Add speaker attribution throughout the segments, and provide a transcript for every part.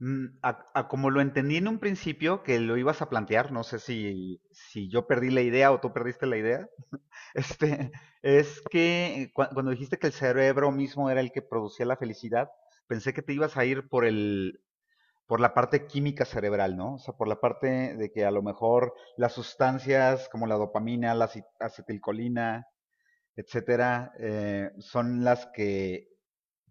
Speaker 1: A como lo entendí en un principio que lo ibas a plantear, no sé si yo perdí la idea o tú perdiste la idea, este, es que cuando dijiste que el cerebro mismo era el que producía la felicidad, pensé que te ibas a ir por por la parte química cerebral, ¿no? O sea, por la parte de que a lo mejor las sustancias como la dopamina, la acetilcolina, etcétera, son las que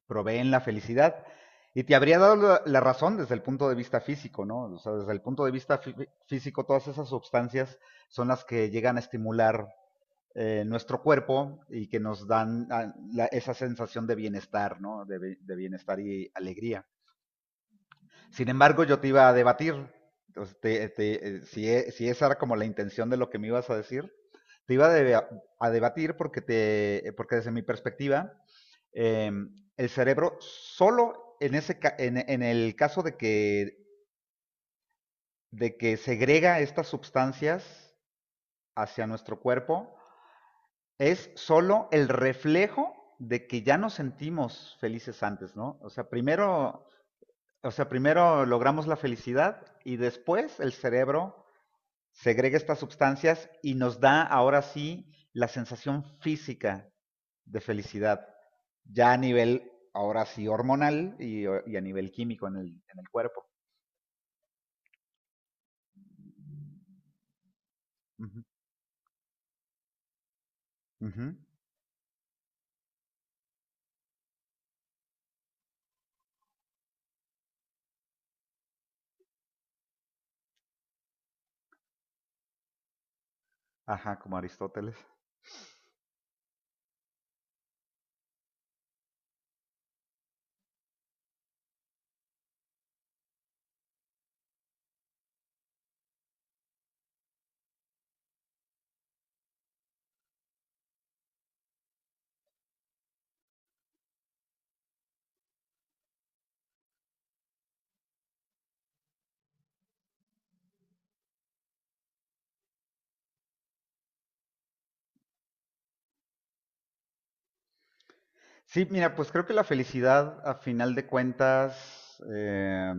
Speaker 1: proveen la felicidad. Y te habría dado la razón desde el punto de vista físico, ¿no? O sea, desde el punto de vista físico, todas esas sustancias son las que llegan a estimular nuestro cuerpo y que nos dan esa sensación de bienestar, ¿no? De bienestar y alegría. Sin embargo, yo te iba a debatir, entonces, si, si esa era como la intención de lo que me ibas a decir, te iba a a debatir porque desde mi perspectiva, eh, el cerebro solo en el caso de que segrega estas sustancias hacia nuestro cuerpo, es solo el reflejo de que ya nos sentimos felices antes, ¿no? O sea, primero logramos la felicidad y después el cerebro segrega estas sustancias y nos da ahora sí la sensación física de felicidad, ya a nivel ahora sí hormonal y a nivel químico en en el cuerpo. Uh -huh, uh -huh. Ajá, como Aristóteles. Sí, mira, pues creo que la felicidad a final de cuentas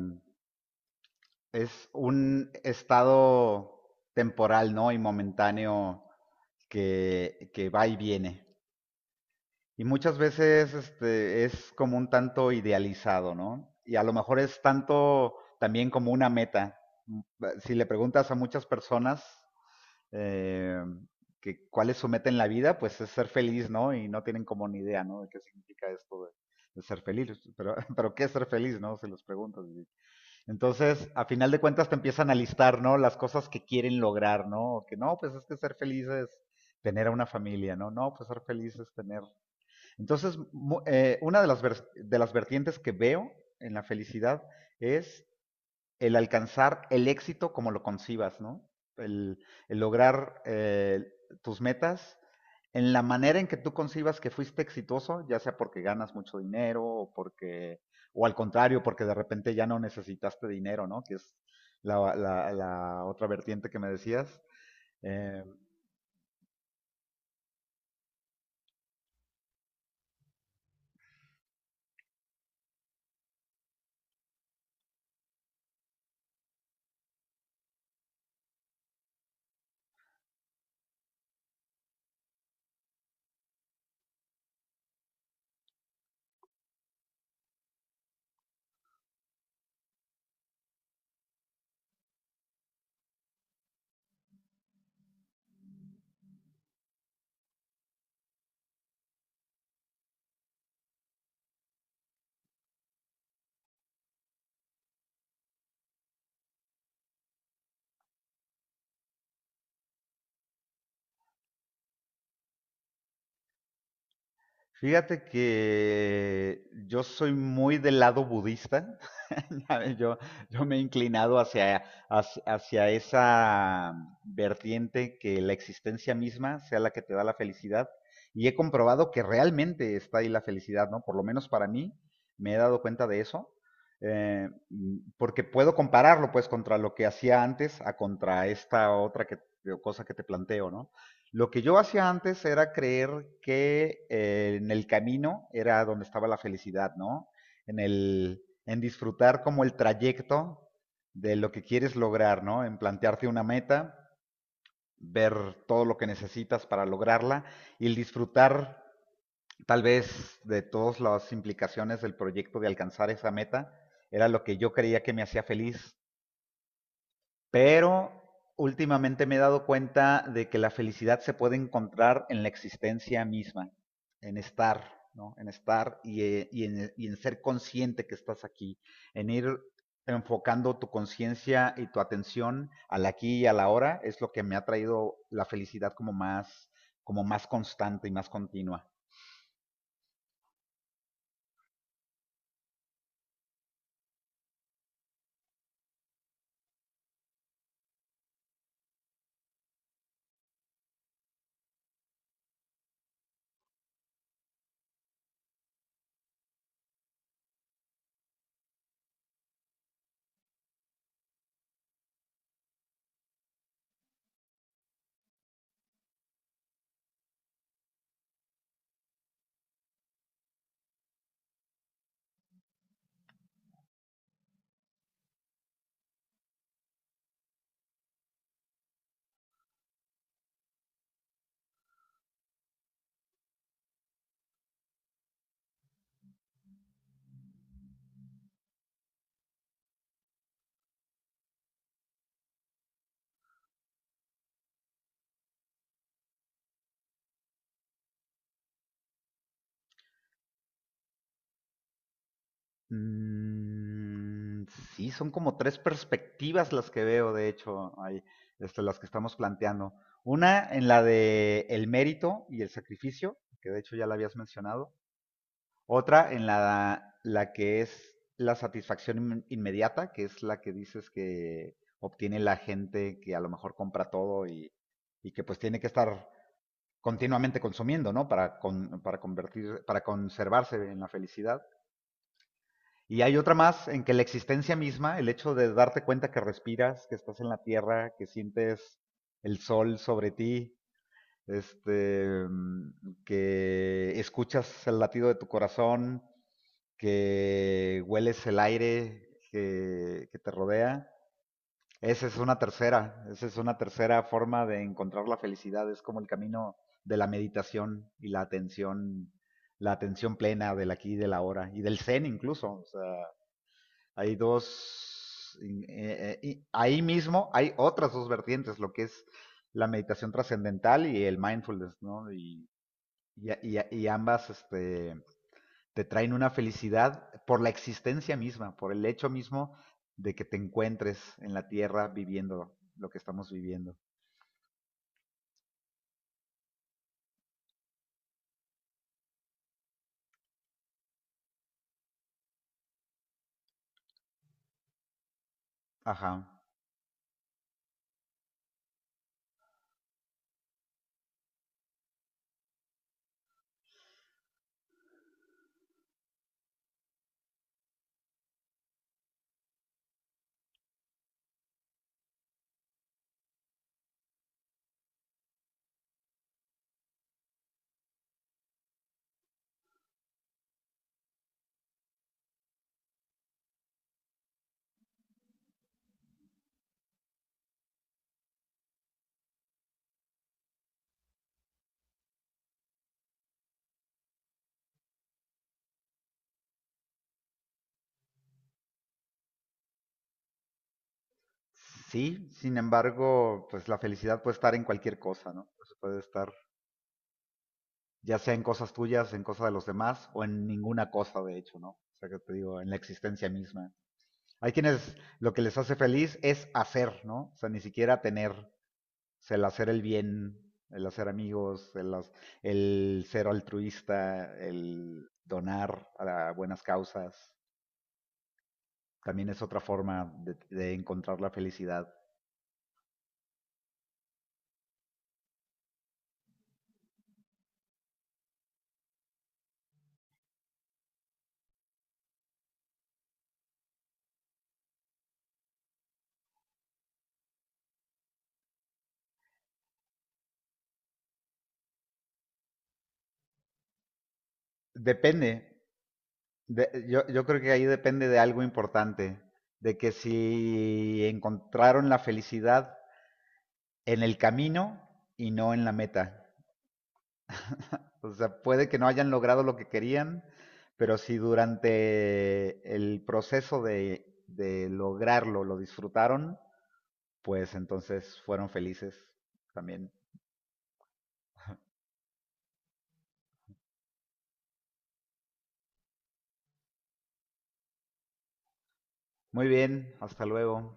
Speaker 1: es un estado temporal, ¿no? Y momentáneo que va y viene. Y muchas veces es como un tanto idealizado, ¿no? Y a lo mejor es tanto también como una meta. Mm, Si le preguntas a muchas personas eh, que cuál es su meta en la vida, pues es ser feliz, ¿no? Y no tienen como ni idea, ¿no? De qué significa esto de ser feliz. Pero ¿qué es ser feliz, no? Se los preguntas. Entonces, a final de cuentas te empiezan a listar, ¿no? Las cosas que quieren lograr, ¿no? Que no, pues es que ser feliz es tener a una familia, ¿no? No, pues ser feliz es tener entonces, una de de las vertientes que veo en la felicidad es el alcanzar el éxito como lo concibas, ¿no? El, el lograr tus metas en la manera en que tú concibas que fuiste exitoso, ya sea porque ganas mucho dinero o al contrario, porque de repente ya no necesitaste dinero, ¿no? Que es la otra vertiente que me decías. Eh, Fíjate que yo soy muy del lado budista. ¿Sabes? Yo me he inclinado hacia esa vertiente que la existencia misma sea la que te da la felicidad. Y he comprobado que realmente está ahí la felicidad, ¿no? Por lo menos para mí, me he dado cuenta de eso. Porque puedo compararlo, pues, contra lo que hacía antes a contra esta cosa que te planteo, ¿no? Lo que yo hacía antes era creer que en el camino era donde estaba la felicidad, ¿no? En en disfrutar como el trayecto de lo que quieres lograr, ¿no? En plantearte una meta, ver todo lo que necesitas para lograrla y el disfrutar tal vez de todas las implicaciones del proyecto de alcanzar esa meta era lo que yo creía que me hacía feliz, pero últimamente me he dado cuenta de que la felicidad se puede encontrar en la existencia misma, en estar, ¿no? En estar y y en ser consciente que estás aquí, en ir enfocando tu conciencia y tu atención al aquí y a la hora, es lo que me ha traído la felicidad como más constante y más continua. Mm, sí, son como tres perspectivas las que veo, de hecho, ahí, las que estamos planteando. Una en la de el mérito y el sacrificio, que de hecho ya la habías mencionado. Otra en la que es la satisfacción inmediata, que es la que dices que obtiene la gente que a lo mejor compra todo y que pues tiene que estar continuamente consumiendo, ¿no? Para convertir, para conservarse en la felicidad. Y hay otra más en que la existencia misma, el hecho de darte cuenta que respiras, que estás en la tierra, que sientes el sol sobre ti, que escuchas el latido de tu corazón, que hueles el aire que te rodea. Esa es una tercera, esa es una tercera forma de encontrar la felicidad, es como el camino de la meditación y la atención plena del aquí y del ahora, y del zen incluso, o sea, hay dos, ahí mismo hay otras dos vertientes, lo que es la meditación trascendental y el mindfulness, ¿no? Y ambas te traen una felicidad por la existencia misma, por el hecho mismo de que te encuentres en la tierra viviendo lo que estamos viviendo. Ajá. Sí, sin embargo, pues la felicidad puede estar en cualquier cosa, ¿no? Pues puede estar ya sea en cosas tuyas, en cosas de los demás o en ninguna cosa, de hecho, ¿no? O sea, que te digo, en la existencia misma. Hay quienes lo que les hace feliz es hacer, ¿no? O sea, ni siquiera tener, o sea, el hacer el bien, el hacer amigos, el ser altruista, el donar a buenas causas, también es otra forma de encontrar la felicidad. Depende, de, yo creo que ahí depende de algo importante, de que si encontraron la felicidad en el camino y no en la meta. O sea, puede que no hayan logrado lo que querían, pero si durante el proceso de lograrlo lo disfrutaron, pues entonces fueron felices también. Muy bien, hasta luego.